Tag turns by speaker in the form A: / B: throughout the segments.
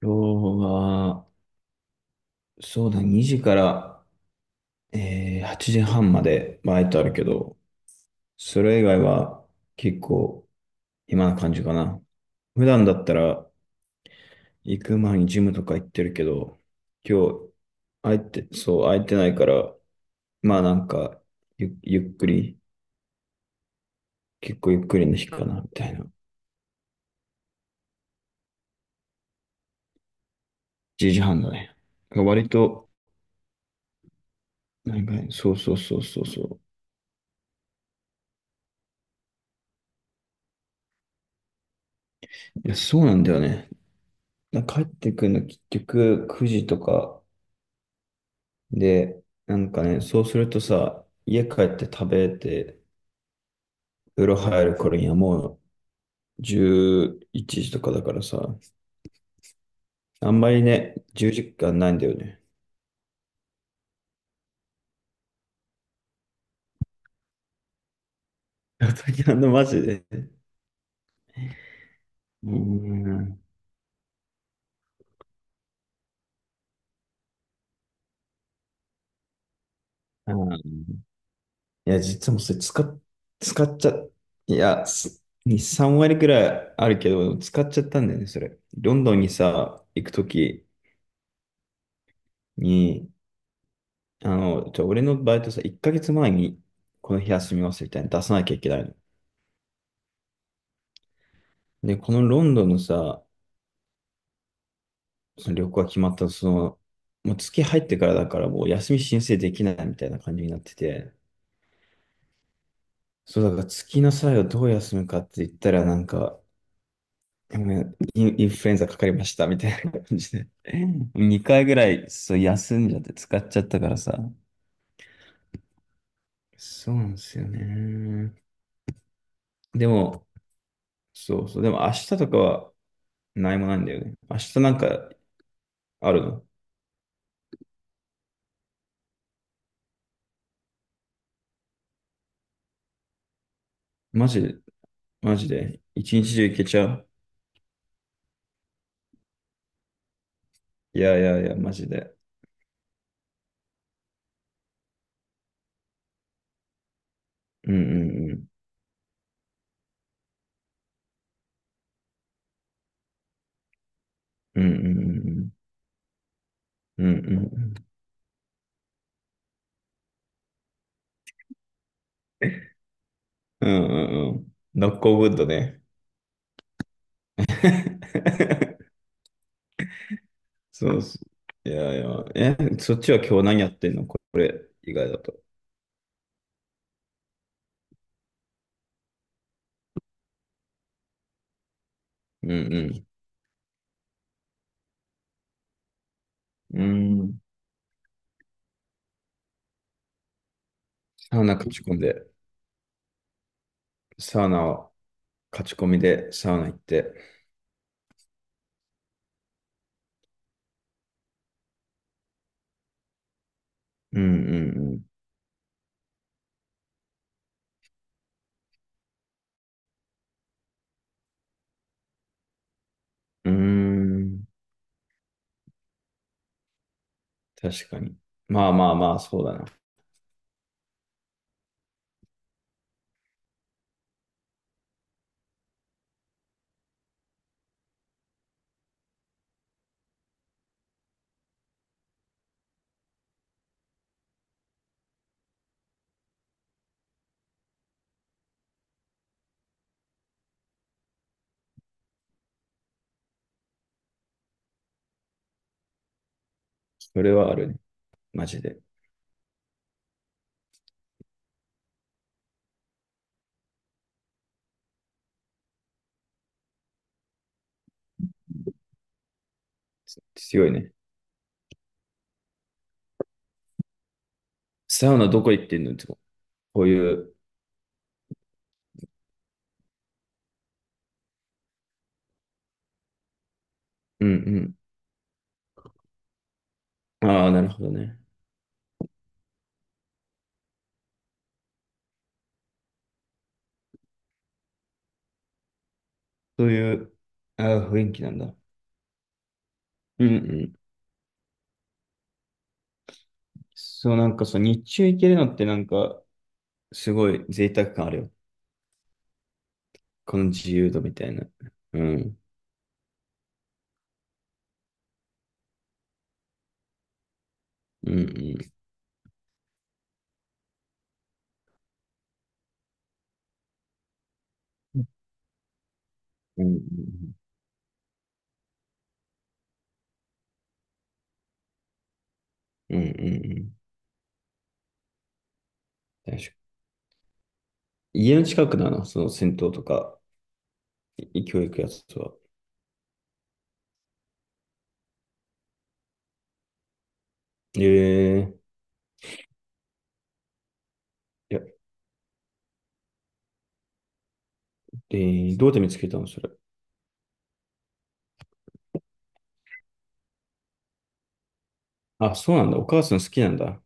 A: 今日は、そうだ、2時から、8時半までバイトあるけど、それ以外は結構暇な感じかな。普段だったら行く前にジムとか行ってるけど、今日、空いて、そう、空いてないから、まあなんか、ゆっくり、結構ゆっくりの日かな、みたいな。1時半だね。割と、なんかね、そうそうそうそうそう。いや、そうなんだよね。帰ってくるの結局9時とかで、なんかね、そうするとさ、家帰って食べて、風呂入る頃にはもう11時とかだからさ、あんまりね、10時間ないんだよね。にマジで。うーん。うん、いや、実はもうそれ使っ、使っちゃ、いや、3割くらいあるけど、使っちゃったんだよね、それ。ロンドンにさ、行くときに、俺のバイトさ、1ヶ月前にこの日休みますみたいなの出さなきゃいけないの。で、このロンドンのさ、その旅行が決まった、もう月入ってからだからもう休み申請できないみたいな感じになってて、そうだから月の際はどう休むかって言ったらなんか、ごめんインフルエンザかかりましたみたいな感じで。2回ぐらいそう休んじゃって使っちゃったからさ。そうなんですよね。でも、そうそう。でも明日とかは何もないんだよね。明日なんかあるの？マジで、マジで。一日中行けちゃう？いやいやいや、マジで。うんうんうん。うんうんうんうんうんうんうんうんうん。ノックオウッドね。そうそう。いやいや。え、そっちは今日何やってんの、これ以外だと？うんうん。うん。サウナ勝ち込んで、サウナを勝ち込みでサウナ行って。うんうんうん。うーん。確かに。まあまあまあ、そうだな。それはあるね。マジで。強いね。サウナどこ行ってんの、いつも？こういう。うんうん。ああ、なるほどね。そういう、あー、雰囲気なんだ。うんうん。そう、なんかそう、日中行けるのってなんか、すごい贅沢感あるよ。この自由度みたいな。うん。うんうん。うんうんうん。うんうんうん。確かに。家の近くだな、その銭湯とか、教育やつは。ええ、いや、えどうやって見つけたの、それ？あ、そうなんだ。お母さん好きなんだ。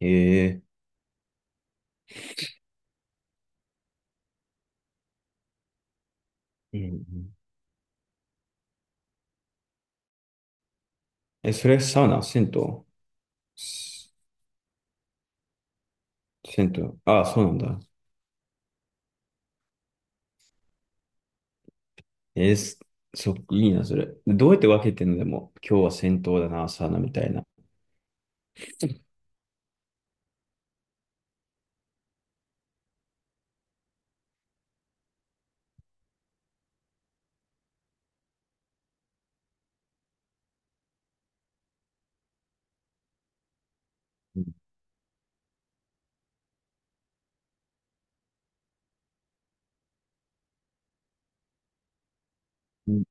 A: ええ、うんうん。え、それサウナ、す銭湯。ああ、そうなんだ。えーすそっか、いいな、それ。どうやって分けてんの？でも、今日は戦闘だな、サウナみたいな。うんうん、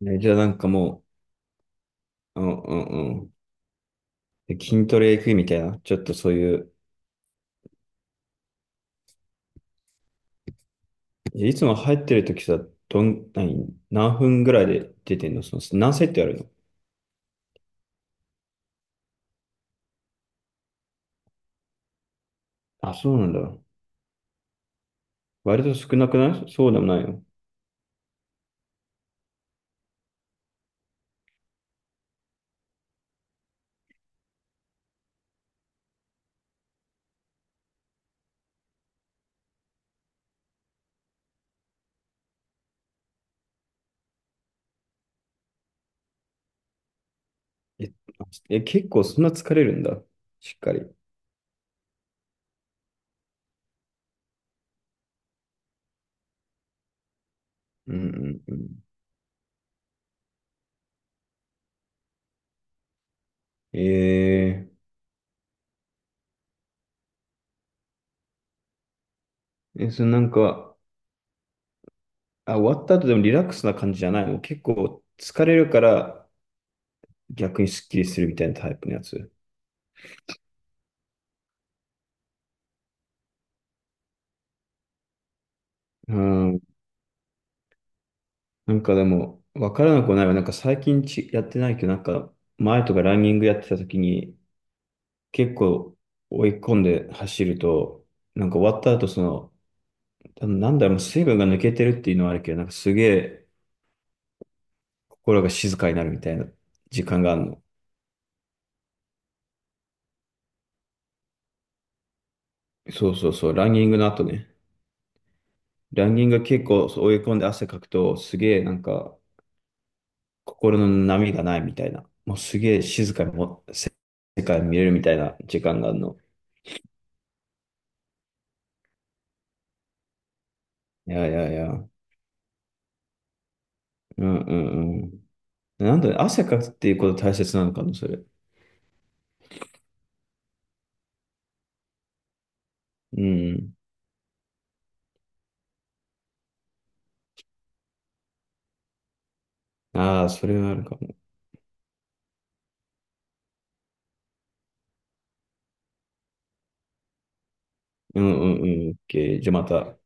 A: ね、じゃあなんかもう、うんうんうん。で筋トレ行くみたいな、ちょっとそういう、え、いつも入ってる時さ、どん、何、何分ぐらいで出てんの、何セットやるの？あ、そうなんだ。割と少なくない？そうでもないよ。え、結構そんな疲れるんだ。しっかり。うんうんうん。ええ、なんか、あ、終わった後でもリラックスな感じじゃないの？結構疲れるから逆にスッキリするみたいなタイプのやつ。うん。なんかでも、わからなくはないわ。なんか最近やってないけど、なんか前とかランニングやってた時に結構追い込んで走ると、なんか終わった後、なんだろう、水分が抜けてるっていうのはあるけど、なんかすげえ心が静かになるみたいな時間があるの。そうそうそう、ランニングの後ね。ランニング結構そう追い込んで汗かくと、すげえなんか心の波がないみたいな。もうすげえ静かにも世界見れるみたいな時間があるの。いやいやいや。うんうんうん。なんだ、汗かくっていうこと大切なのかな、それ？うん。ああ、それはあるかも。うんうんうん。オッケー、じゃあまた。